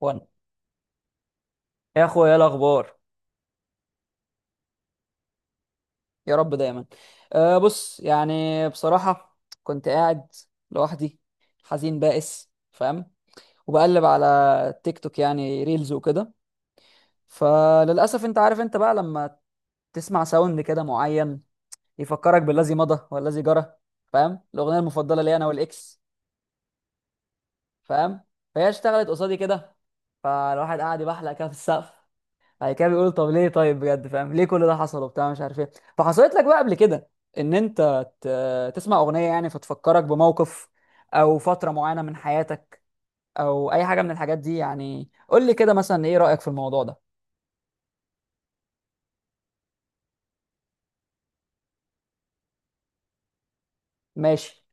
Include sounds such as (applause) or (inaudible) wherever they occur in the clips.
وانا يا اخويا ايه الاخبار؟ يا رب دايما. بص يعني بصراحه كنت قاعد لوحدي، حزين بائس، فاهم؟ وبقلب على تيك توك، يعني ريلز وكده. فللاسف انت عارف، انت بقى لما تسمع ساوند كده معين يفكرك بالذي مضى والذي جرى. فاهم؟ الاغنيه المفضله لي انا والاكس، فاهم؟ فهي اشتغلت قصادي كده. فالواحد قاعد يبحلق كده في السقف. بعد كده بيقول طب ليه، طيب بجد فاهم ليه كل ده حصل وبتاع مش عارف ايه. فحصلت لك بقى قبل كده ان انت تسمع اغنيه يعني فتفكرك بموقف او فتره معينه من حياتك، او اي حاجه من الحاجات دي؟ يعني قول لي كده مثلا ايه رايك في الموضوع ده. ماشي.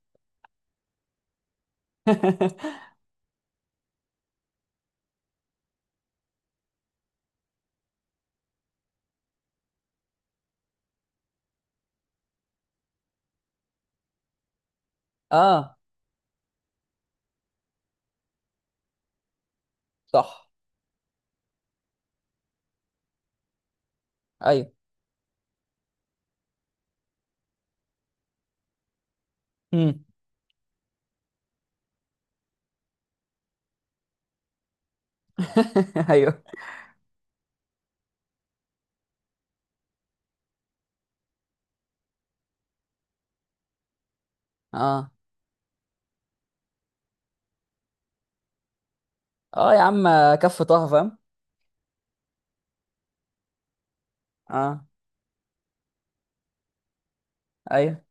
(laughs) اه. صح. ايوه. امم. (laughs) ايوه. اه. اه يا عم، كف طه فاهم. اه. ايوه،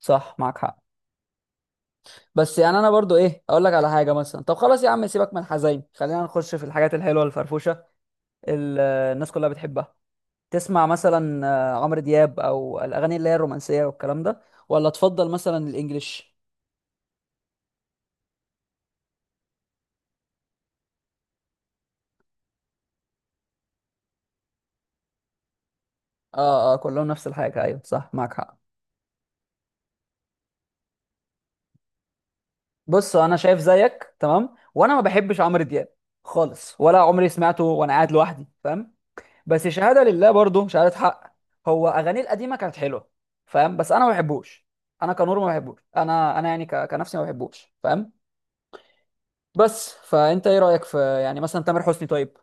صح معاك حق. بس يعني انا برضو ايه، اقول لك على حاجه مثلا، طب خلاص يا عم سيبك من الحزين، خلينا نخش في الحاجات الحلوه الفرفوشه ال- الناس كلها بتحبها. تسمع مثلا عمرو دياب، او الاغاني اللي هي الرومانسيه والكلام ده، ولا تفضل مثلا الانجليش؟ اه اه، كلهم نفس الحاجه، ايوه صح معاك حق. بص انا شايف زيك، تمام؟ وانا ما بحبش عمرو دياب خالص، ولا عمري سمعته وانا قاعد لوحدي، فاهم؟ بس شهاده لله، برضه شهاده حق، هو اغانيه القديمه كانت حلوه، فاهم؟ بس انا ما بحبوش. انا كنور ما بحبوش. انا يعني كنفسي ما بحبوش، فاهم؟ بس فانت ايه رايك في يعني مثلا تامر حسني طيب؟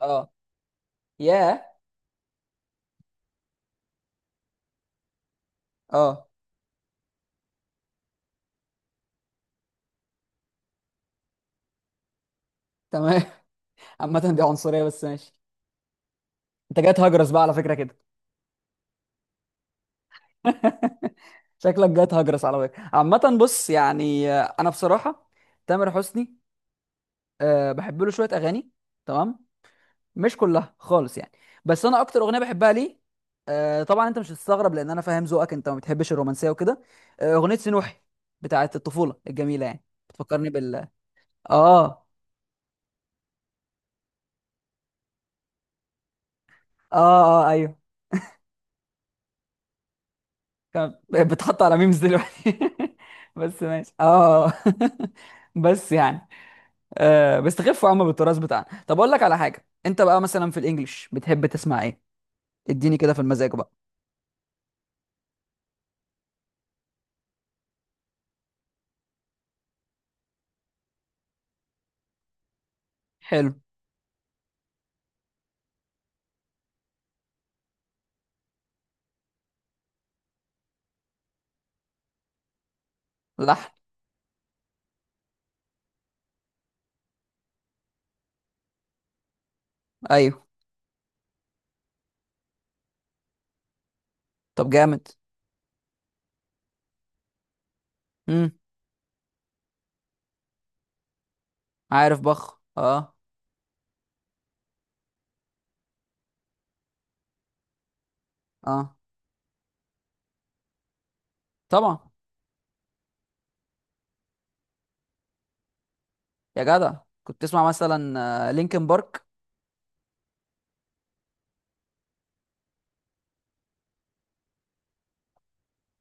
اه. ياه. اه. تمام. (laughs) عامة دي عنصرية بس ماشي. انت جاي تهجرس بقى على فكرة كده. (laughs) شكلك جاي تهجرس على فكرة. عامة بص، يعني انا بصراحة تامر حسني بحب له شوية اغاني، تمام؟ مش كلها خالص يعني. بس انا اكتر اغنية بحبها ليه، طبعا انت مش هتستغرب، لان انا فاهم ذوقك انت ما بتحبش الرومانسية وكده، اغنية سنوحي بتاعت الطفولة الجميلة يعني. بتفكرني بال اه اه. اه ايوه، كان بتحط على ميمز دلوقتي، (laughs) بس ماشي اه. (laughs) بس يعني بيستخفوا يا عم بالتراث بتاعنا. طب اقول لك على حاجه، انت بقى مثلا في الانجليش بتحب تسمع ايه؟ اديني كده في المزاج بقى. حلو. لحن. ايوه. طب جامد. امم. عارف بخ، اه. اه طبعا. يا جدع، كنت تسمع مثلا لينكن بارك؟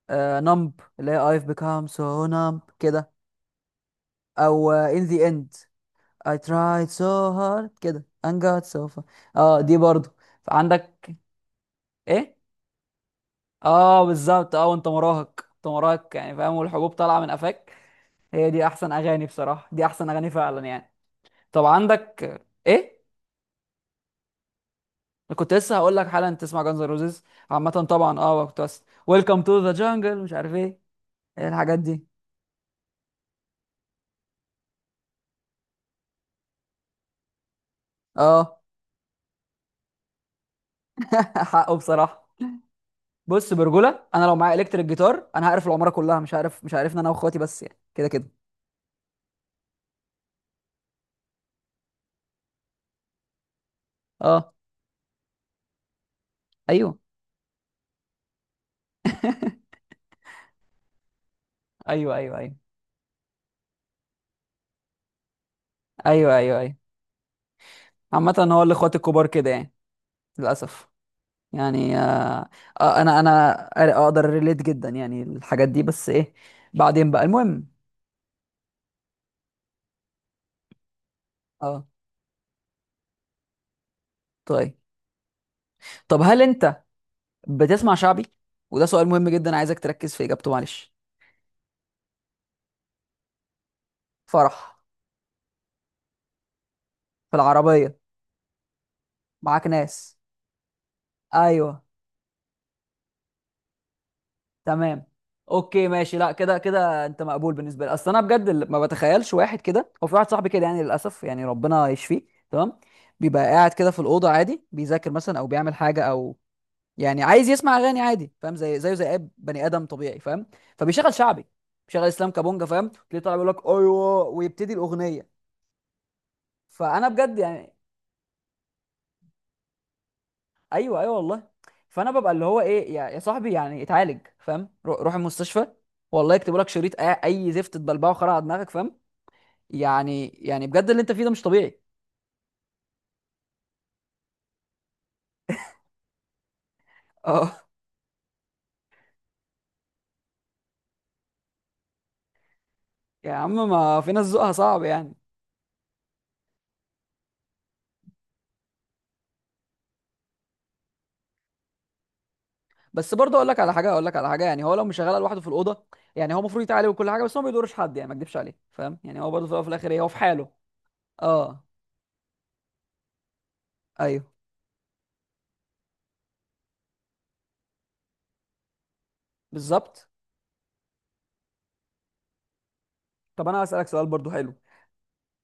نمب، اللي هي I've become so numb كده، او ان ذا اند، I tried so hard كده and got so far. اه دي برضو عندك؟ ايه؟ اه بالظبط. اه، وانت مراهق، انت مراهق يعني فاهم، والحبوب طالعه من قفاك. هي دي احسن اغاني بصراحه، دي احسن اغاني فعلا يعني. طب عندك ايه؟ أنا كنت لسه هقول لك حالا تسمع جانز روزيز. عامه طبعا اه كنت، بس ويلكم تو ذا جانجل مش عارف ايه، ايه الحاجات دي، اه. (laughs) حقه بصراحه. بص برجوله، انا لو معايا الكتريك جيتار انا هقرف العماره كلها، مش عارف انا واخواتي، بس يعني كده كده. اه. ايوه ايوه ايوه. ايوه ايوه ايوه ايوه. عامة هو الاخوات الكبار كده يعني، للاسف. يعني آه. انا اقدر ريليت جدا يعني الحاجات دي. بس ايه، بعدين بقى المهم. اه. طيب. طب هل انت بتسمع شعبي؟ وده سؤال مهم جدا، عايزك تركز في اجابته معلش. فرح؟ في العربية؟ معاك ناس؟ ايوه. تمام. اوكي ماشي، لا كده كده انت مقبول بالنسبه لي. اصل انا بجد اللي ما بتخيلش واحد كده، هو في واحد صاحبي كده يعني للاسف، يعني ربنا يشفيه. تمام. بيبقى قاعد كده في الاوضه عادي، بيذاكر مثلا او بيعمل حاجه، او يعني عايز يسمع اغاني عادي، فاهم؟ زي زيه زي اي بني ادم طبيعي، فاهم؟ فبيشغل شعبي، بيشغل اسلام كابونجا، فاهم؟ تلاقيه طالع بيقول لك ايوه، ويبتدي الاغنيه. فانا بجد يعني. ايوه ايوه والله. فانا ببقى اللي هو ايه، يا يا صاحبي يعني اتعالج، فاهم؟ روح المستشفى، والله يكتبوا لك شريط اي أي زفت تبلبعه، خرع على دماغك، فاهم؟ يعني بجد اللي انت فيه ده مش طبيعي. (laughs) اه يا عم، ما في ناس ذوقها صعب يعني. بس برضه اقول لك على حاجه، اقول لك على حاجه، يعني هو لو مش شغال لوحده في الاوضه، يعني هو المفروض يتعالج وكل حاجه، بس هو ما بيضرش حد يعني، ما اكدبش عليه، فاهم؟ يعني هو برضه في الأول وفي الاخر ايه، هو في حاله. اه. ايوه بالظبط. طب انا هسألك سؤال برضه حلو،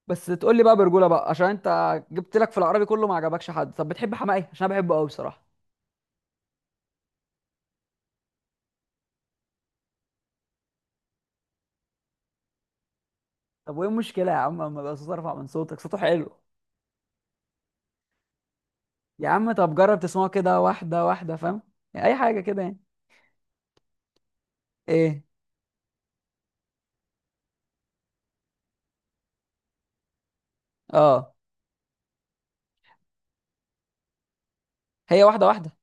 بس تقول لي بقى برجوله بقى، عشان انت جبت لك في العربي كله ما عجبكش حد. طب بتحب حماقي؟ عشان انا بحبه قوي بصراحه. طب وايه المشكله يا عم، اما بقى صوت ارفع من صوتك، صوته حلو. يا عم طب جرب تسمعه كده واحده واحده، فاهم؟ يعني اي حاجه كده يعني. ايه. اه. هي واحده واحده.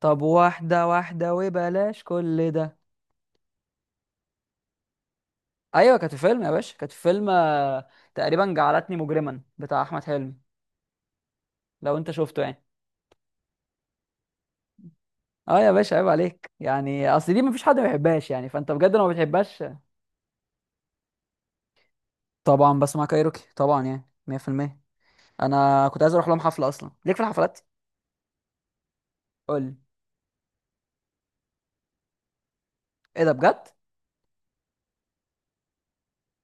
طب واحده واحده وبلاش كل ده. ايوه كانت في فيلم يا باشا، كانت في فيلم تقريبا جعلتني مجرما بتاع احمد حلمي، لو انت شفته يعني. اه يا باشا، عيب عليك يعني، اصل دي مفيش حد ما بيحبهاش يعني. فانت بجد لو ما بتحبهاش. طبعا بسمع كايروكي، طبعا يعني 100%. انا كنت عايز اروح لهم حفله اصلا، ليك في الحفلات. قول لي، ايه ده بجد؟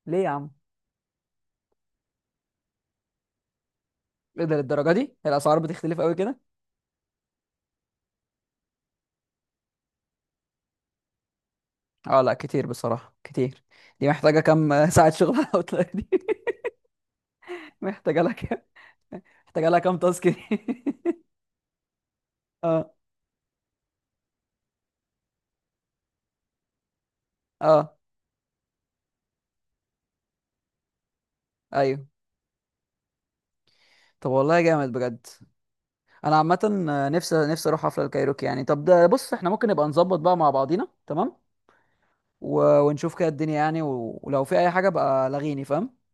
ليه يا عم؟ ايه ده للدرجه دي؟ هي الاسعار بتختلف قوي كده؟ اه لا كتير بصراحه، كتير. دي محتاجه كام (laughs) ساعه شغل على الاوتلاير دي؟ (laughs) محتاجه لها كام؟ محتاجه لها كام تاسك دي؟ (laughs) اه. اه ايوه. طب والله جامد بجد. انا عامه نفسي نفسي اروح حفله الكايروكي يعني. طب ده بص، احنا ممكن نبقى نظبط بقى مع بعضينا، تمام؟ و... ونشوف كده الدنيا يعني، و... ولو في اي حاجه بقى لغيني، فاهم؟